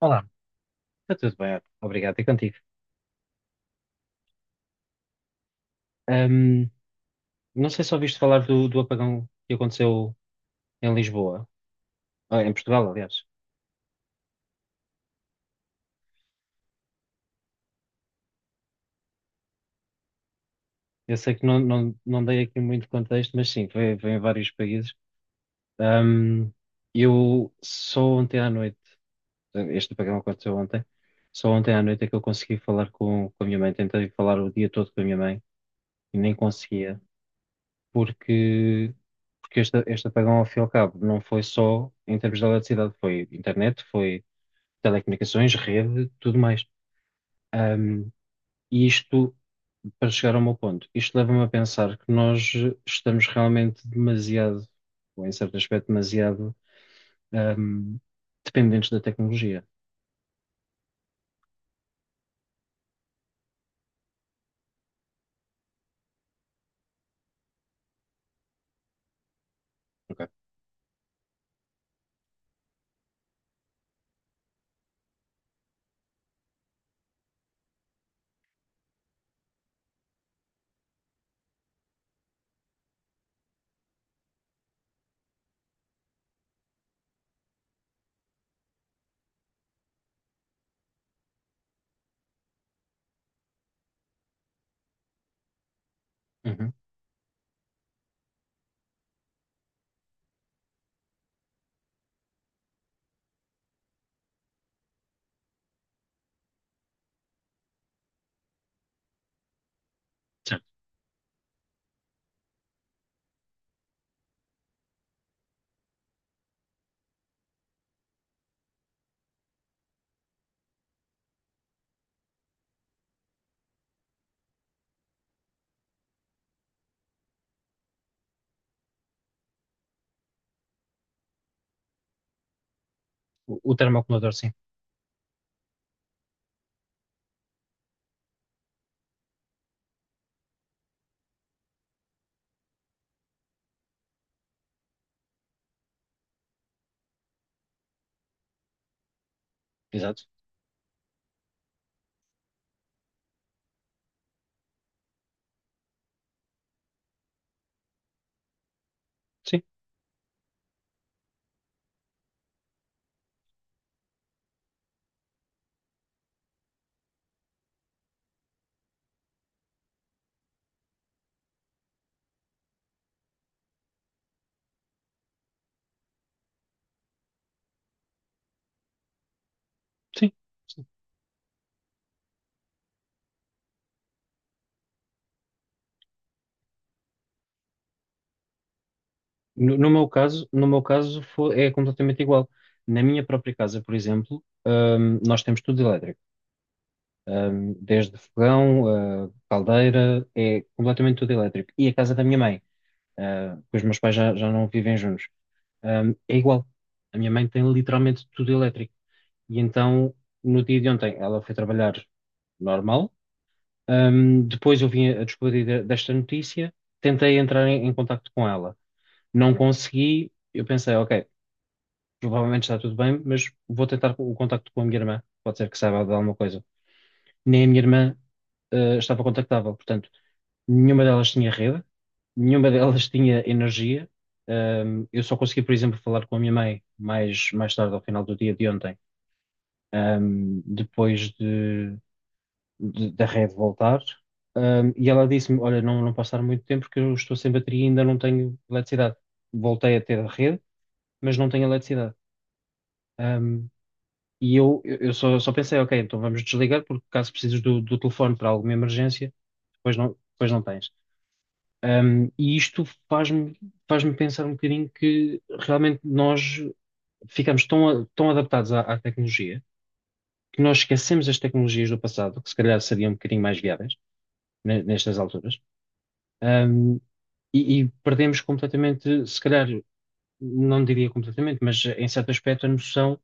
Olá, está tudo bem? Obrigado, e contigo? Ahm, não sei se ouviste falar do apagão que aconteceu em Lisboa, em Portugal, aliás. Eu sei que não dei aqui muito contexto, mas sim, foi em vários países. Ahm, eu só ontem à noite, este apagão aconteceu ontem, só ontem à noite é que eu consegui falar com a minha mãe. Tentei falar o dia todo com a minha mãe e nem conseguia, porque este apagão, ao fim e ao cabo, não foi só em termos de eletricidade, foi internet, foi telecomunicações, rede, tudo mais. Ahm, e isto, para chegar ao meu ponto, isto leva-me a pensar que nós estamos realmente demasiado, ou em certo aspecto, demasiado, ahm, dependentes da tecnologia. Ok. Uhum. Certo. O termoacumulador, sim. Exato. Sim, sim. Sim. No meu caso, é completamente igual. Na minha própria casa, por exemplo, nós temos tudo elétrico. Desde fogão, caldeira, é completamente tudo elétrico. E a casa da minha mãe, porque os meus pais já não vivem juntos, é igual. A minha mãe tem literalmente tudo elétrico. E então, no dia de ontem, ela foi trabalhar normal. Depois eu vim a descobrir desta notícia, tentei entrar em contacto com ela. Não consegui, eu pensei, ok, provavelmente está tudo bem, mas vou tentar o contacto com a minha irmã. Pode ser que saiba de alguma coisa. Nem a minha irmã, estava contactável, portanto, nenhuma delas tinha rede, nenhuma delas tinha energia. Eu só consegui, por exemplo, falar com a minha mãe mais tarde, ao final do dia de ontem, depois da rede voltar. E ela disse-me: Olha, não passar muito tempo porque eu estou sem bateria e ainda não tenho eletricidade. Voltei a ter a rede, mas não tenho eletricidade. Ahm, e eu só pensei: Ok, então vamos desligar porque caso precises do telefone para alguma emergência, depois não tens. E isto faz-me pensar um bocadinho que realmente nós ficamos tão, tão adaptados à tecnologia que nós esquecemos as tecnologias do passado, que se calhar seriam um bocadinho mais viáveis nestas alturas, um, e perdemos completamente, se calhar, não diria completamente, mas em certo aspecto, a noção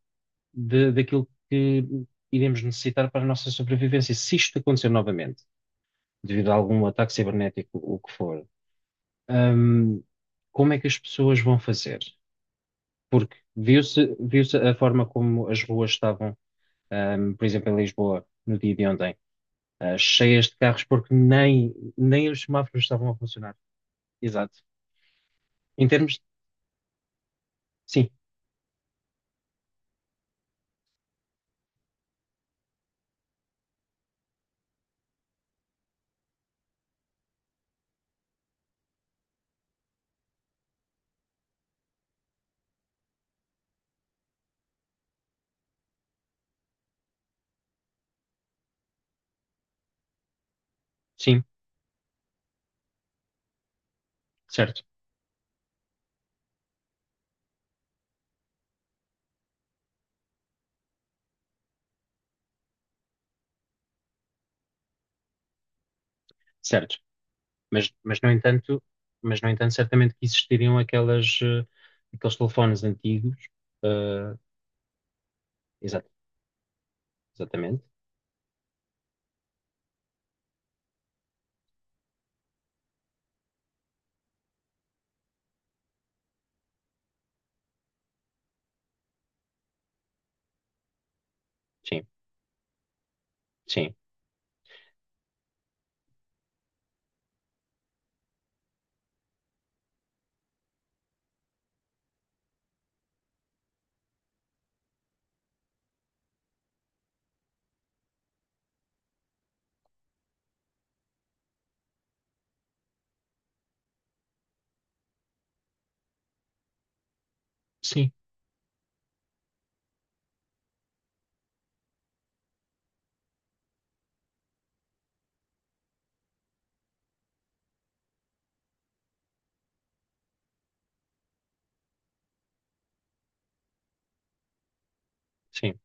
de, daquilo que iremos necessitar para a nossa sobrevivência. Se isto acontecer novamente, devido a algum ataque cibernético, o que for, um, como é que as pessoas vão fazer? Porque viu-se a forma como as ruas estavam, por exemplo, em Lisboa, no dia de ontem, cheias de carros, porque nem os semáforos estavam a funcionar. Exato. Em termos, sim, sim, certo, certo. Mas, mas no entanto, mas no entanto, certamente que existiriam aquelas, aqueles telefones antigos. ah, exato, exatamente. Sim, sim, sim, sim.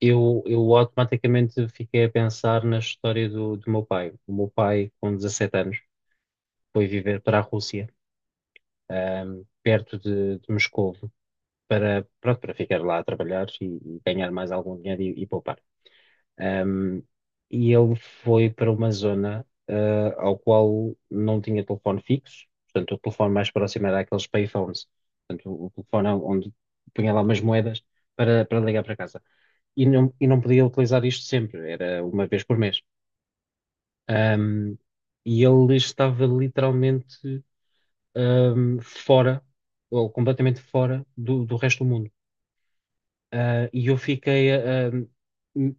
Eu automaticamente fiquei a pensar na história do meu pai. O meu pai, com 17 anos, foi viver para a Rússia, perto de Moscovo, para, pronto, para ficar lá a trabalhar e ganhar mais algum dinheiro e poupar. Ahm, e ele foi para uma zona, ao qual não tinha telefone fixo, portanto, o telefone mais próximo era aqueles payphones, portanto, o telefone é onde punha lá umas moedas para ligar para casa. E não podia utilizar isto sempre, era uma vez por mês. Ahm, e ele estava literalmente fora, ou completamente fora do resto do mundo. E eu fiquei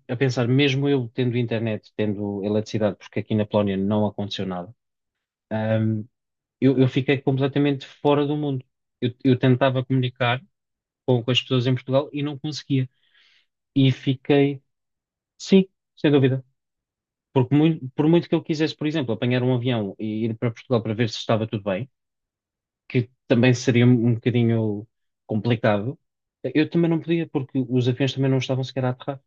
a pensar, mesmo eu tendo internet, tendo eletricidade, porque aqui na Polónia não aconteceu nada, ahm, eu fiquei completamente fora do mundo. Eu tentava comunicar com as pessoas em Portugal e não conseguia. E fiquei, sim, sem dúvida. Porque por muito que eu quisesse, por exemplo, apanhar um avião e ir para Portugal para ver se estava tudo bem, que também seria um bocadinho complicado. Eu também não podia, porque os aviões também não estavam sequer a aterrar.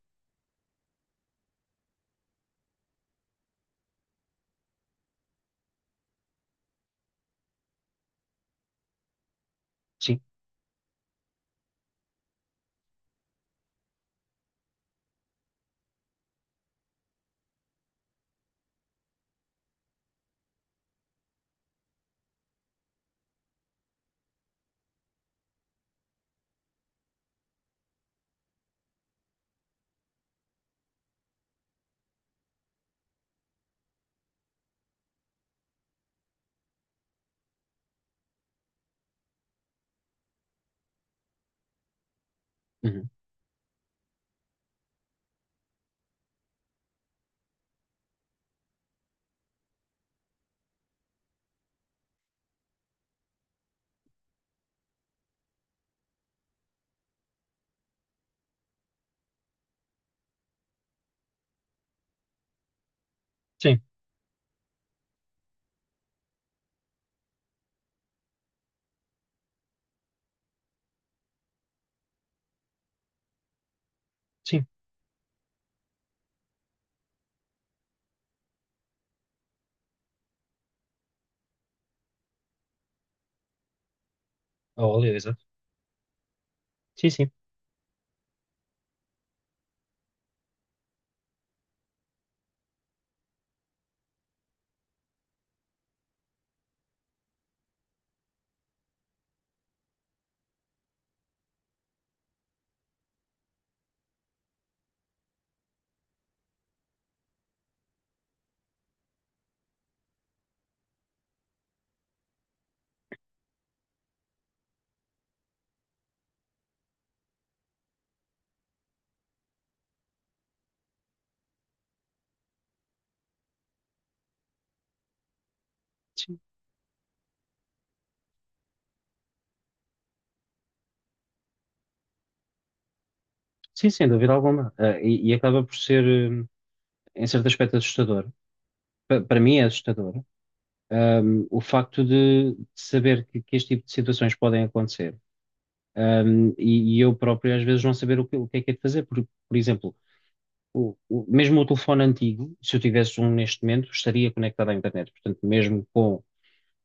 Sim, uhum. Sim, sim, a óleo, exato. Sim, sim, sim, sim, sem dúvida alguma. E acaba por ser, hum, em certo aspecto, assustador. Para mim é assustador, o facto de saber que este tipo de situações podem acontecer. E eu próprio, às vezes, não saber o que é que é de fazer. Por exemplo, mesmo o telefone antigo, se eu tivesse um neste momento, estaria conectado à internet. Portanto, mesmo com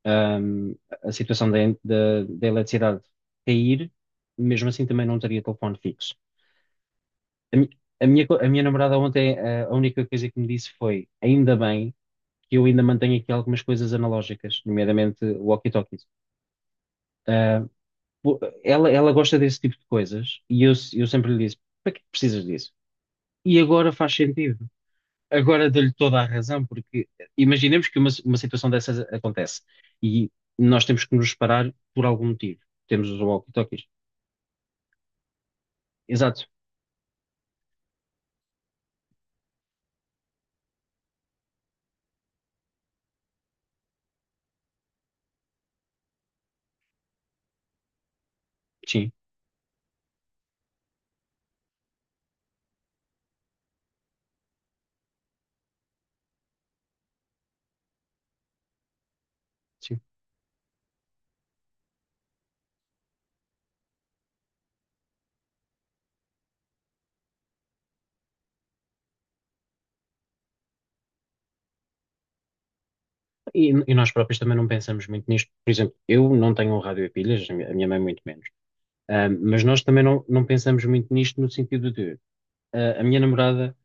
ahm, a situação da eletricidade cair, mesmo assim também não teria telefone fixo. A, mi- a minha, co- a minha namorada ontem, a única coisa que me disse foi, ainda bem que eu ainda mantenho aqui algumas coisas analógicas, nomeadamente walkie-talkies. Ah, po- ela gosta desse tipo de coisas e eu sempre lhe disse, para que precisas disso? E agora faz sentido. Agora dou-lhe toda a razão, porque imaginemos que uma situação dessas acontece e nós temos que nos separar por algum motivo. Temos os walkie-talkies. Exato, sim, sim. E, e nós próprios também não pensamos muito nisto. Por exemplo, eu não tenho um rádio a pilhas, a minha mãe muito menos. Mas nós também não pensamos muito nisto no sentido de a minha namorada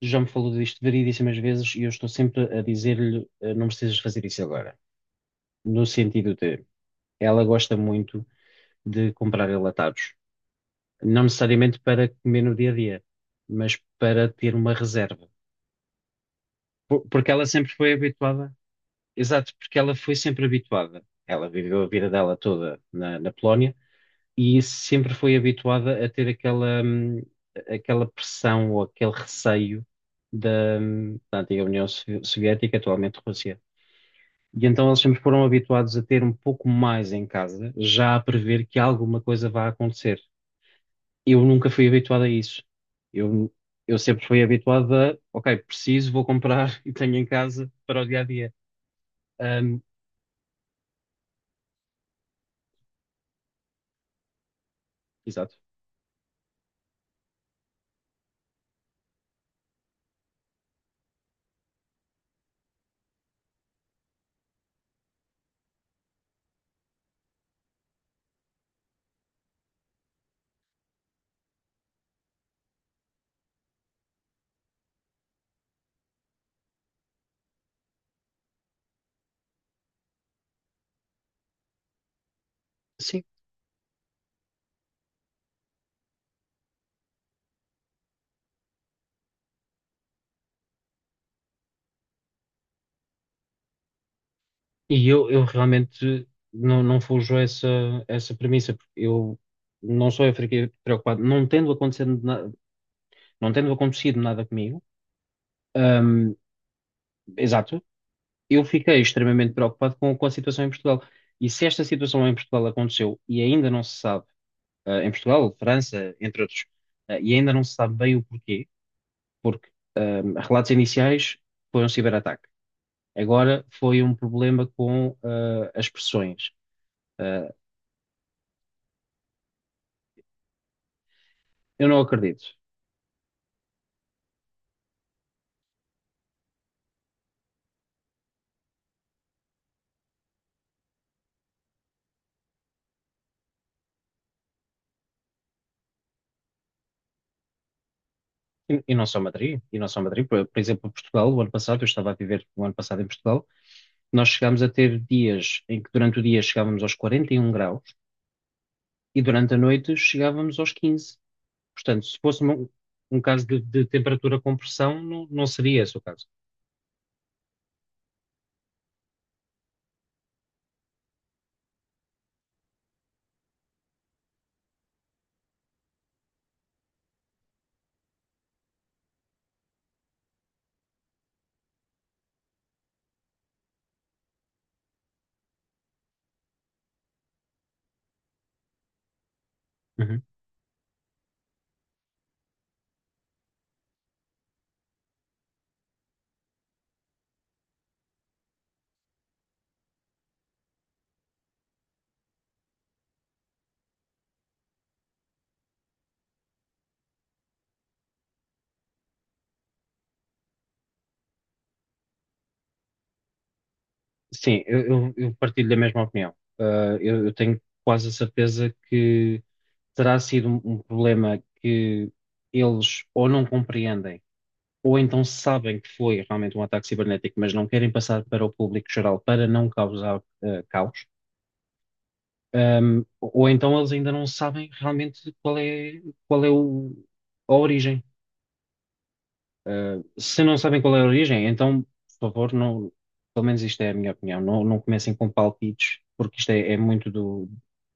já me falou disto variedíssimas vezes e eu estou sempre a dizer-lhe não precisas fazer isso agora. No sentido de ela gosta muito de comprar enlatados. Não necessariamente para comer no dia a dia, mas para ter uma reserva. Porque ela sempre foi habituada, exato, porque ela foi sempre habituada. Ela viveu a vida dela toda na Polónia e sempre foi habituada a ter aquela pressão ou aquele receio da antiga União Soviética, atualmente Rússia. E então eles sempre foram habituados a ter um pouco mais em casa, já a prever que alguma coisa vá acontecer. Eu nunca fui habituado a isso. Eu, eu sempre fui habituado a, ok, preciso, vou comprar e tenho em casa para o dia a dia. Ahm, Exato. Sim, e eu realmente não fujo a essa premissa, porque eu não só eu fiquei preocupado, não tendo acontecido nada, não tendo acontecido nada comigo, ahm, exato, eu fiquei extremamente preocupado com a situação em Portugal. E se esta situação em Portugal aconteceu e ainda não se sabe em Portugal, França, entre outros. E ainda não se sabe bem o porquê, porque relatos iniciais foi um ciberataque. Agora foi um problema com as pressões. Eh, eu não acredito. E não só Madrid, e não só Madrid. Por exemplo, Portugal, o ano passado, eu estava a viver o ano passado em Portugal, nós chegámos a ter dias em que durante o dia chegávamos aos 41 graus e durante a noite chegávamos aos 15. Portanto, se fosse um caso de temperatura com pressão, não seria esse o caso. Uhum. Sim, eu partilho da mesma opinião. Eu tenho quase a certeza que terá sido um problema que eles ou não compreendem, ou então sabem que foi realmente um ataque cibernético, mas não querem passar para o público geral para não causar caos, ou então eles ainda não sabem realmente qual é, qual é o- a origem. Se não sabem qual é a origem, então, por favor, não, pelo menos isto é a minha opinião, não comecem com palpites, porque isto é muito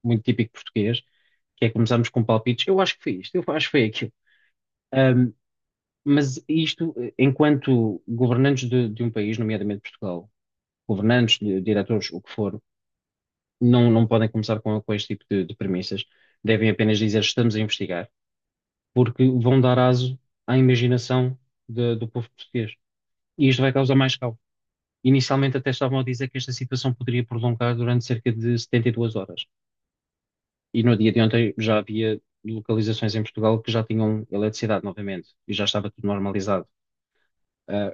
muito típico português, que é começarmos com palpites. Eu acho que foi isto, eu acho que foi aquilo. Ahm, mas isto, enquanto governantes de um país, nomeadamente Portugal, governantes, diretores, o que for, não podem começar com este tipo de premissas. Devem apenas dizer estamos a investigar, porque vão dar aso à imaginação do povo português. E isto vai causar mais caos. Inicialmente até estavam a dizer que esta situação poderia prolongar durante cerca de 72 horas. E no dia de ontem já havia localizações em Portugal que já tinham eletricidade novamente e já estava tudo normalizado. Ah,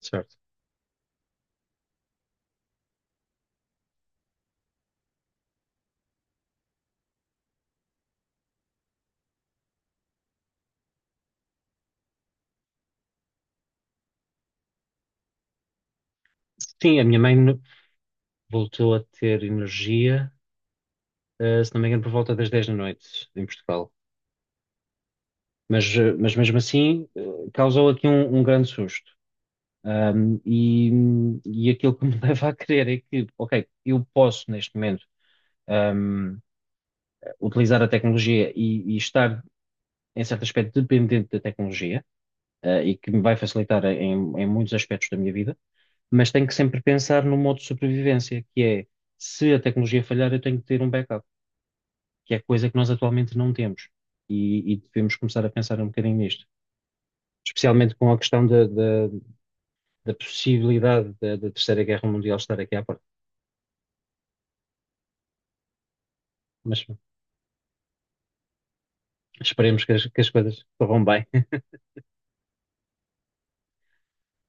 certo. Sim, a minha mãe voltou a ter energia, se não me engano, por volta das 10 da noite em Portugal. Mas mesmo assim, causou aqui um grande susto. Ah, e, e aquilo que me leva a crer é que, ok, eu posso neste momento. ah, utilizar a tecnologia e estar, em certo aspecto, dependente da tecnologia, e que me vai facilitar em muitos aspectos da minha vida, mas tenho que sempre pensar no modo de sobrevivência, que é, se a tecnologia falhar, eu tenho que ter um backup, que é coisa que nós atualmente não temos. E devemos começar a pensar um bocadinho nisto, especialmente com a questão da possibilidade da Terceira Guerra Mundial estar aqui à porta. Mas esperemos que as coisas corram bem.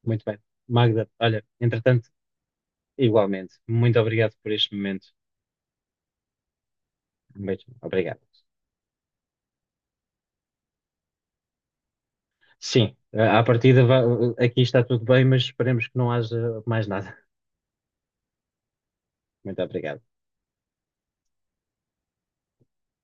Muito bem. Magda, olha, entretanto, igualmente, muito obrigado por este momento. Muito obrigado. Sim, à partida aqui está tudo bem, mas esperemos que não haja mais nada. Muito obrigado.